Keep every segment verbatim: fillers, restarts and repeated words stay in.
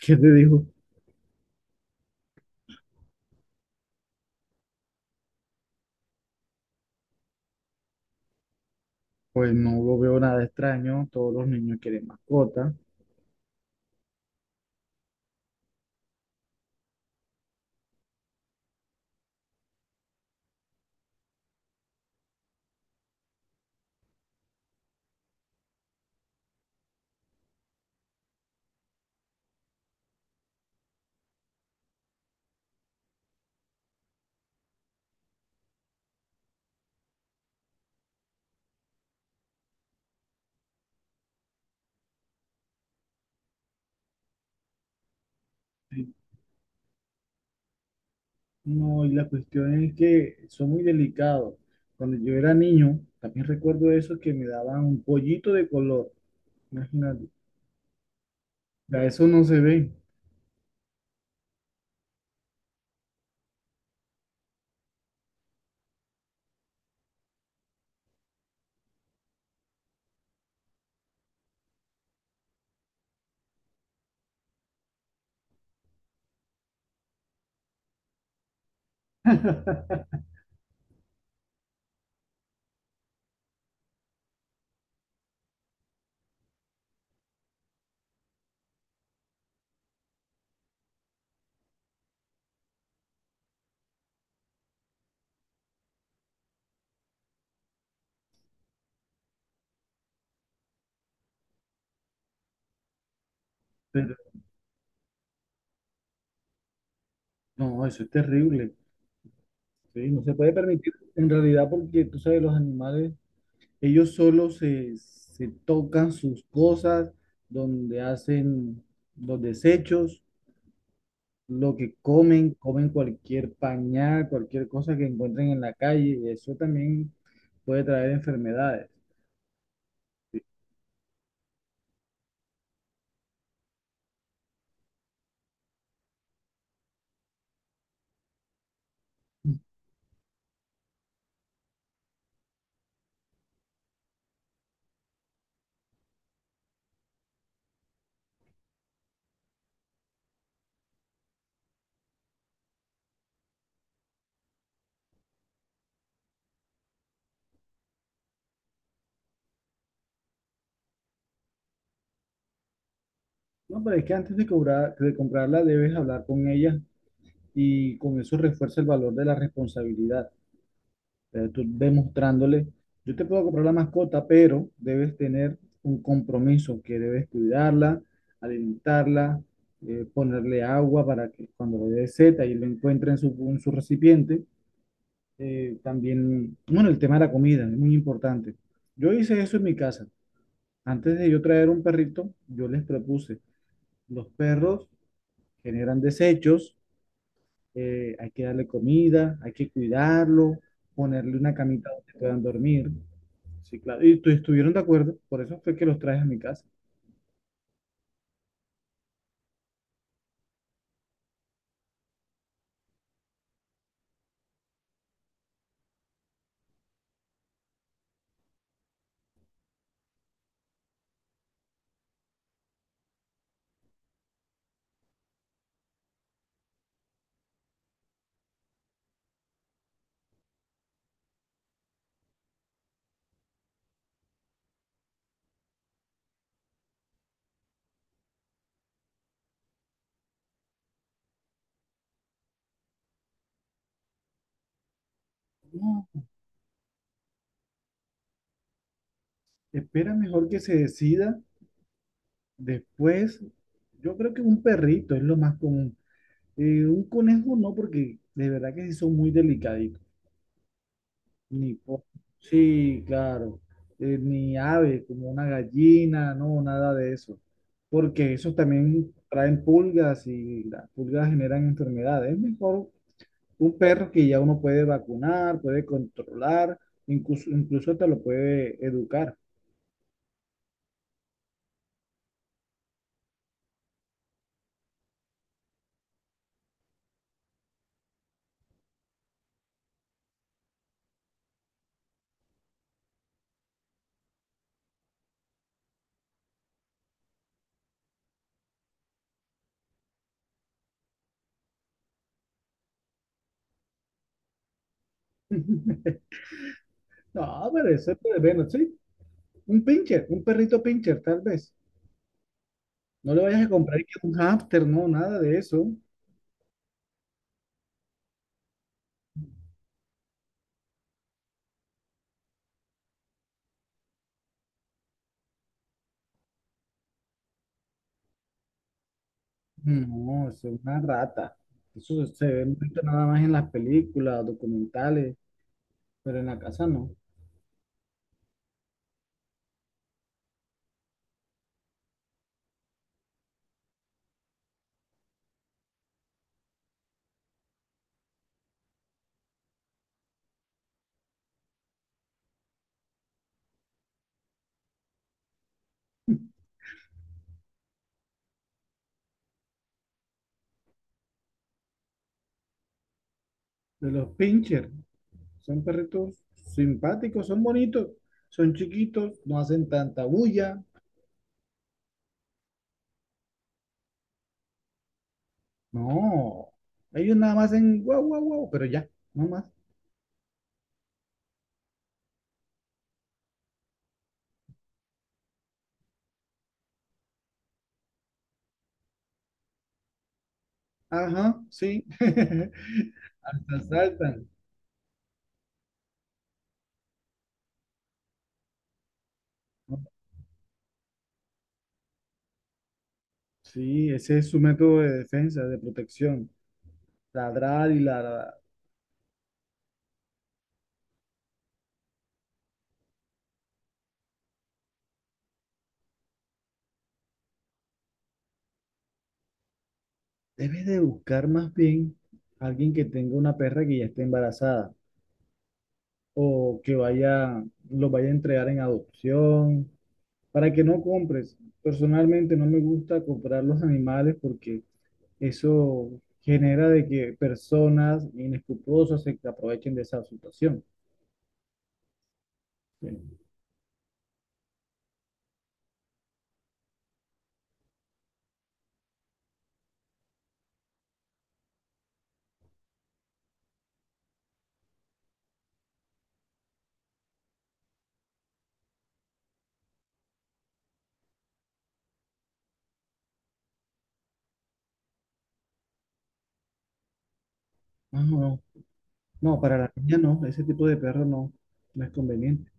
¿Qué te dijo? Pues no lo veo nada extraño, todos los niños quieren mascotas. Y no, y la cuestión es que son muy delicados. Cuando yo era niño, también recuerdo eso que me daban un pollito de color. Imagínate, ya eso no se ve, pero no, eso es terrible. ¿Sí? No se puede permitir en realidad porque tú sabes, los animales, ellos solo se, se tocan sus cosas, donde hacen los desechos. Lo que comen, comen cualquier pañal, cualquier cosa que encuentren en la calle, y eso también puede traer enfermedades. No, pero es que antes de cobrar, de comprarla debes hablar con ella y con eso refuerza el valor de la responsabilidad. Eh, tú demostrándole, yo te puedo comprar la mascota, pero debes tener un compromiso que debes cuidarla, alimentarla, eh, ponerle agua para que cuando le dé seta y lo encuentre en su, en su recipiente, eh, también, bueno, el tema de la comida es muy importante. Yo hice eso en mi casa. Antes de yo traer un perrito, yo les propuse, los perros generan desechos, eh, hay que darle comida, hay que cuidarlo, ponerle una camita donde puedan dormir. Sí, claro. Y tu- estuvieron de acuerdo, por eso fue que los traje a mi casa. No, espera mejor que se decida después. Yo creo que un perrito es lo más común. Eh, un conejo no, porque de verdad que sí son muy delicados. Ni po- sí, claro, eh, ni ave, como una gallina, no, nada de eso, porque esos también traen pulgas y las pulgas generan enfermedades. Es mejor un perro que ya uno puede vacunar, puede controlar, incluso, incluso te lo puede educar. No, pero ese puede bueno, sí, un pincher, un perrito pincher, tal vez. No le vayas a comprar que un hámster, no, nada de eso. No, eso es una rata. Eso se ve mucho nada más en las películas, documentales, pero en la casa no. De los pincher, son perritos simpáticos, son bonitos, son chiquitos, no hacen tanta bulla. No, ellos nada más hacen guau, guau, guau, pero ya, no más. Ajá, sí. Hasta saltan. Sí, ese es su método de defensa, de protección. Ladrar y ladrar. Debes de buscar más bien a alguien que tenga una perra que ya esté embarazada o que vaya, lo vaya a entregar en adopción para que no compres. Personalmente no me gusta comprar los animales porque eso genera de que personas inescrupulosas se aprovechen de esa situación. Sí. No, no, no, no, para la niña no, ese tipo de perro no, no es conveniente.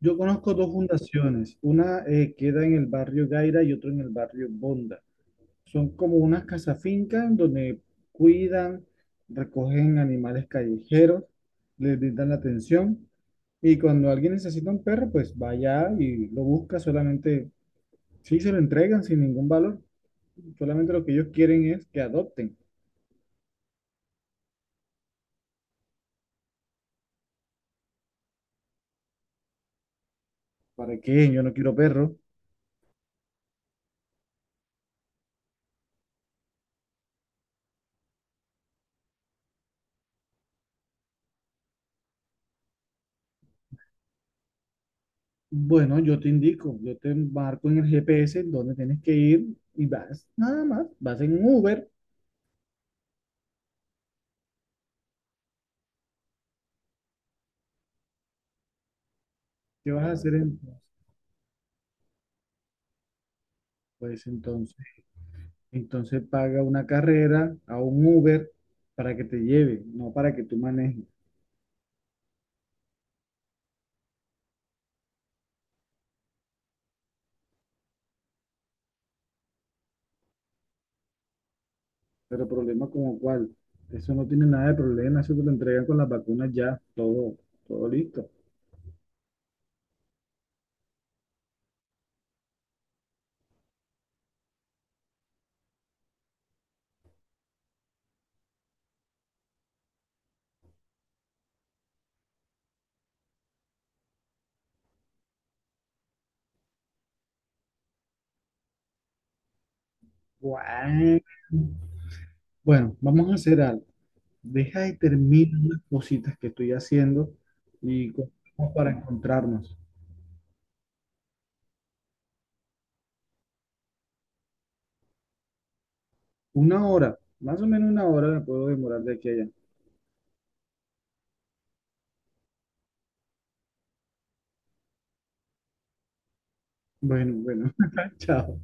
Yo conozco dos fundaciones, una, eh, queda en el barrio Gaira y otra en el barrio Bonda. Son como unas casafincas donde cuidan, recogen animales callejeros, les brindan la atención. Y cuando alguien necesita un perro, pues va allá y lo busca solamente, sí se lo entregan sin ningún valor, solamente lo que ellos quieren es que adopten. ¿Para qué? Yo no quiero perro. Bueno, yo te indico, yo te marco en el G P S dónde tienes que ir y vas, nada más, vas en Uber. ¿Qué vas a hacer entonces? Pues entonces. Entonces paga una carrera a un Uber para que te lleve, no para que tú manejes. Pero problema como cuál, eso no tiene nada de problema, eso te lo entregan con las vacunas ya, todo, todo listo. Guau. Bueno, vamos a hacer algo. Deja y termina unas cositas que estoy haciendo y cogemos para encontrarnos. Una hora, más o menos una hora me puedo demorar de aquí a allá. Bueno, bueno, chao.